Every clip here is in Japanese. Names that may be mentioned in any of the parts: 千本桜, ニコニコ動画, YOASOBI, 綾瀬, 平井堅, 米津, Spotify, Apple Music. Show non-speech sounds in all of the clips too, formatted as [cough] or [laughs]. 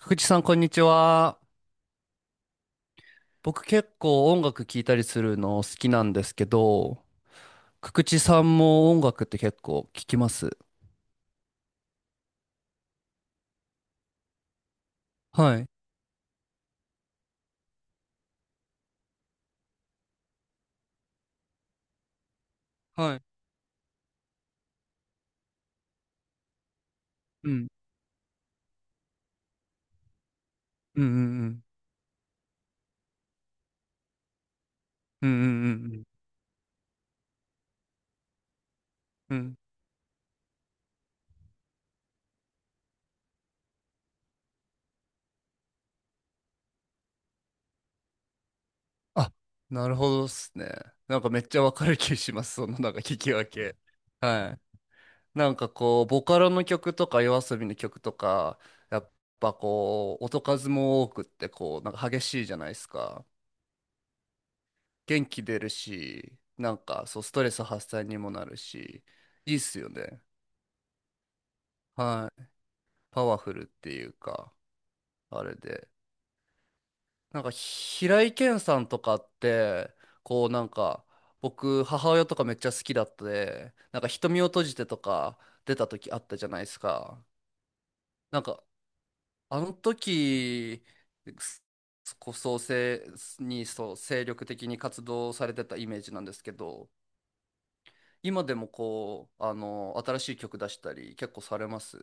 福地さん、こんにちは。僕結構音楽聴いたりするの好きなんですけど、福地さんも音楽って結構聴きます？はい。はい。うん。うんうんうん。うんうんうんうん。うん、あ、なるほどっすね。なんかめっちゃわかる気します。そのなんか聞き分け。はい。なんかこう、ボカロの曲とか YOASOBI の曲とか、やっぱこう、音数も多くってこう、なんか激しいじゃないですか。元気出るし、なんかそう、ストレス発散にもなるし、いいっすよね。はい。パワフルっていうか、あれで。なんか、平井堅さんとかって、こうなんか、僕、母親とかめっちゃ好きだったで、なんか、瞳を閉じてとか出た時あったじゃないですか。なんか、あの時、こそ、せに、そう、精力的に活動されてたイメージなんですけど、今でもこう、あの、新しい曲出したり結構されます？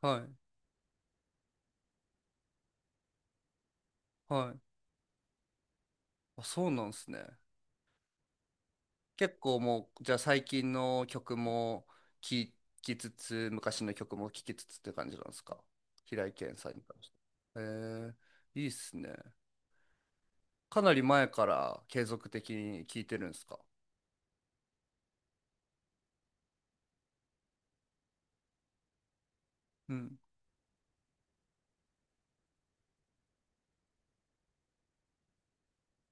はい。はい。あ、そうなんですね。結構もう、じゃあ最近の曲も聴きつつ、昔の曲も聴きつつって感じなんですか？平井堅さんに関しては。へえ、いいっすね。かなり前から継続的に聴いてるんですか？うん、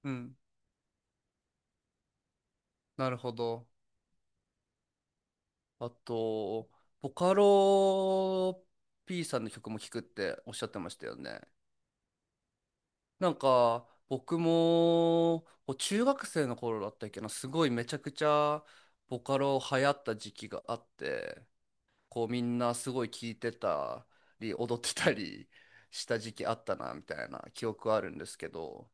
うん。なるほど。あと、ボカロ P さんの曲も聴くっておっしゃってましたよね。なんか、僕も、こう中学生の頃だったっけな、すごいめちゃくちゃボカロ流行った時期があって、こうみんなすごい聴いてたり、踊ってたり [laughs] した時期あったな、みたいな記憶あるんですけど、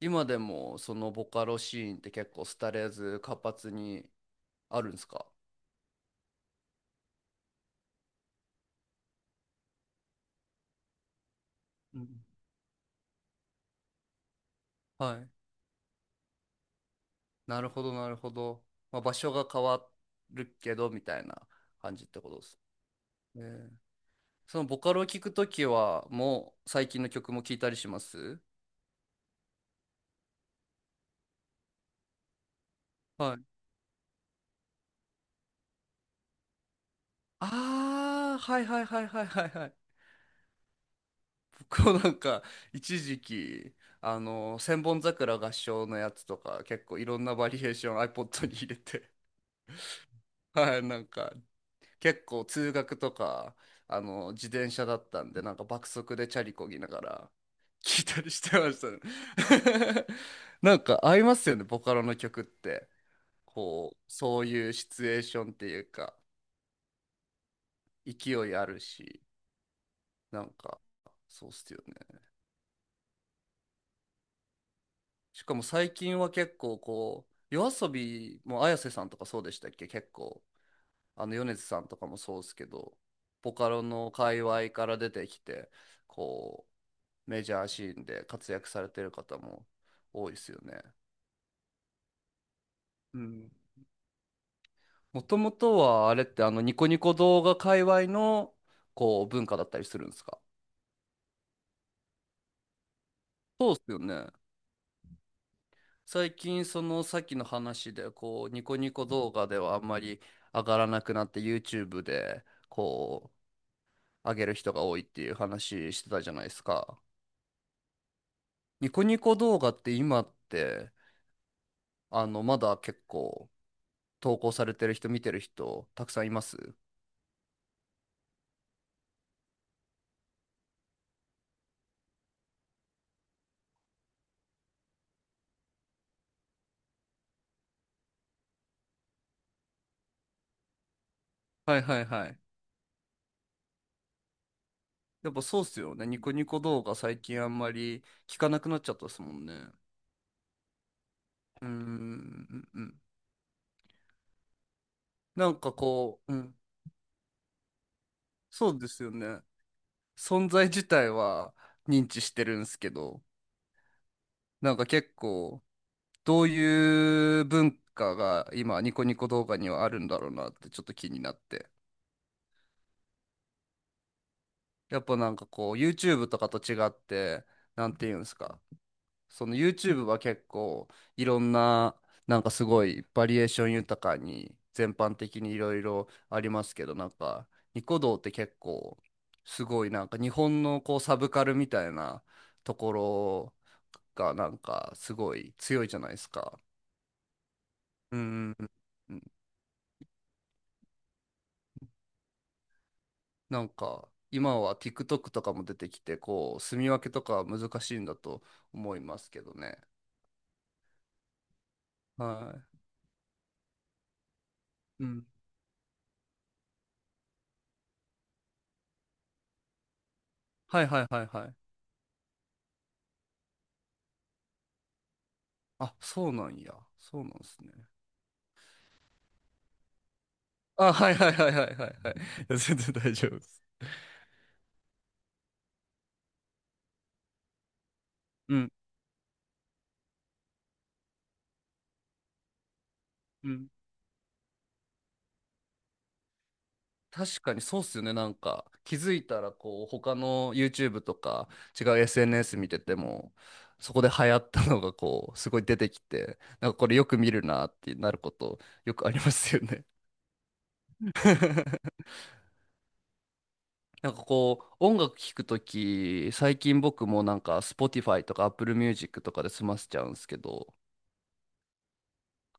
今でもそのボカロシーンって結構廃れず活発にあるんですか？うん、はい。なるほど、なるほど。まあ、場所が変わるけど、みたいな感じってことです。ね、そのボカロを聞くときは、もう最近の曲も聞いたりします？はい。ああ、はいはいはいはいはいはい。[laughs] 僕もなんか、一時期、あの、千本桜合唱のやつとか、結構いろんなバリエーション iPod に入れて、[laughs] はい、なんか、結構通学とか、あの、自転車だったんで、なんか爆速でチャリこぎながら [laughs]、聞いたりしてましたね。[laughs] なんか合いますよね、ボカロの曲って。こう、そういうシチュエーションっていうか、勢いあるし、なんか、そうっすよね。しかも最近は結構こう、夜遊びも綾瀬さんとかそうでしたっけ、結構、あの米津さんとかもそうですけど、ボカロの界隈から出てきて、こう、メジャーシーンで活躍されてる方も多いですよね。うん。もともとはあれってあのニコニコ動画界隈のこう文化だったりするんですか？そうっすよね。最近そのさっきの話でこうニコニコ動画ではあんまり上がらなくなって YouTube でこう上げる人が多いっていう話してたじゃないですか。ニコニコ動画って今ってあのまだ結構投稿されてる人見てる人たくさんいます？はいはいはい。やっぱそうっすよね。ニコニコ動画最近あんまり聞かなくなっちゃったですもんね。うーんうんうん。なんかこう、うん、そうですよね。存在自体は認知してるんすけど、なんか結構どういう文化が今ニコニコ動画にはあるんだろうなってちょっと気になって。やっぱなんかこう YouTube とかと違って、なんていうんですか。その YouTube は結構いろんななんかすごいバリエーション豊かに全般的にいろいろありますけど、なんかニコ動って結構すごいなんか日本のこうサブカルみたいなところがなんかすごい強いじゃないですか。うんうんうん、なんか今は TikTok とかも出てきてこう住み分けとかは難しいんだと思いますけどね。はい。うん。はいはいはいはい。あ、そうなんや。そうなんですね。あ、はいはいはいはいはいはい。いや全然大丈夫です。[laughs] うん。うん。確かにそうっすよね。なんか、気づいたら、こう、他の YouTube とか、違う SNS 見てても、そこで流行ったのが、こう、すごい出てきて、なんかこれよく見るなってなること、よくありますよね。[laughs] なんかこう、音楽聴くとき、最近僕もなんか、Spotify とか Apple Music とかで済ませちゃうんですけど、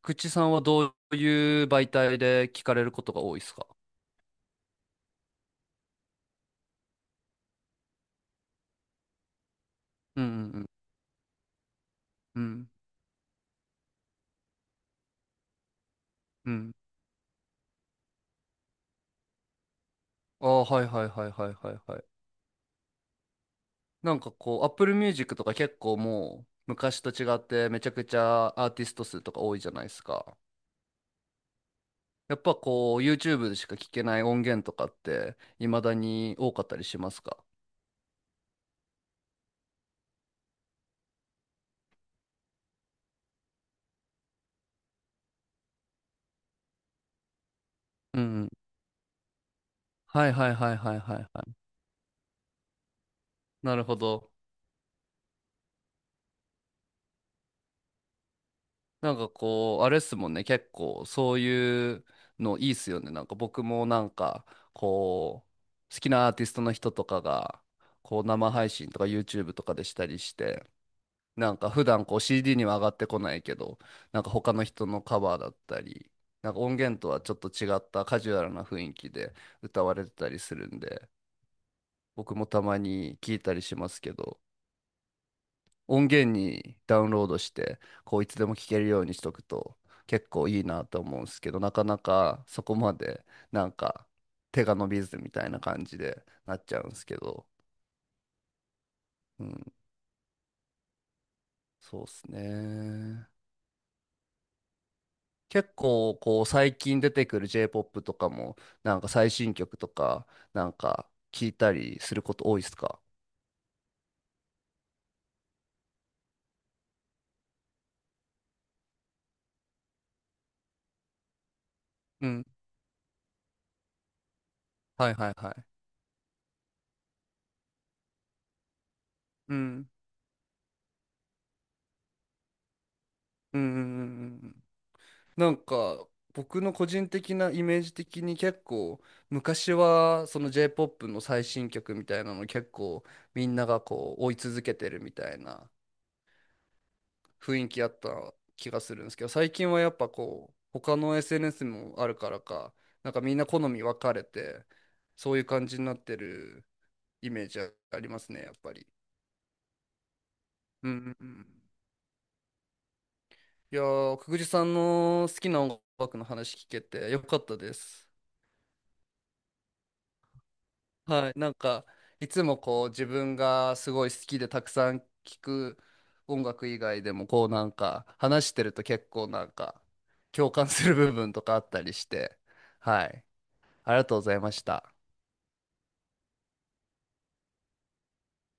口さんはどういう媒体で聞かれることが多いですか？うんうんうん。うんうん。ああ、はいはいはいはいはいはい。なんかこう、Apple Music とか結構もう昔と違ってめちゃくちゃアーティスト数とか多いじゃないですか。やっぱこう、YouTube でしか聞けない音源とかって未だに多かったりしますか？うんうん。はいはいはいはいはいはい。なるほど。なんかこう、あれっすもんね、結構そういうのいいっすよね。なんか僕もなんかこう、好きなアーティストの人とかが、こう生配信とか YouTube とかでしたりして、なんか普段こう CD には上がってこないけど、なんか他の人のカバーだったり、なんか音源とはちょっと違ったカジュアルな雰囲気で歌われてたりするんで、僕もたまに聞いたりしますけど、音源にダウンロードして、こういつでも聴けるようにしとくと結構いいなと思うんですけど、なかなかそこまでなんか手が伸びずみたいな感じでなっちゃうんですけど、うん、そうですね。結構こう最近出てくる J-POP とかもなんか最新曲とかなんか聞いたりすること多いですか？うん。はいはいはい。うん。うんうんうんうん、なんか僕の個人的なイメージ的に結構昔はその J-POP の最新曲みたいなの結構みんながこう追い続けてるみたいな雰囲気あった気がするんですけど、最近はやっぱこう他の SNS もあるからかなんかみんな好み分かれてそういう感じになってるイメージありますね、やっぱり。うんうんうん、いやー、くぐじさんの好きな音楽の話聞けてよかったです。はい、なんかいつもこう自分がすごい好きでたくさん聴く音楽以外でもこうなんか話してると結構なんか共感する部分とかあったりして、はい、ありがとうございました。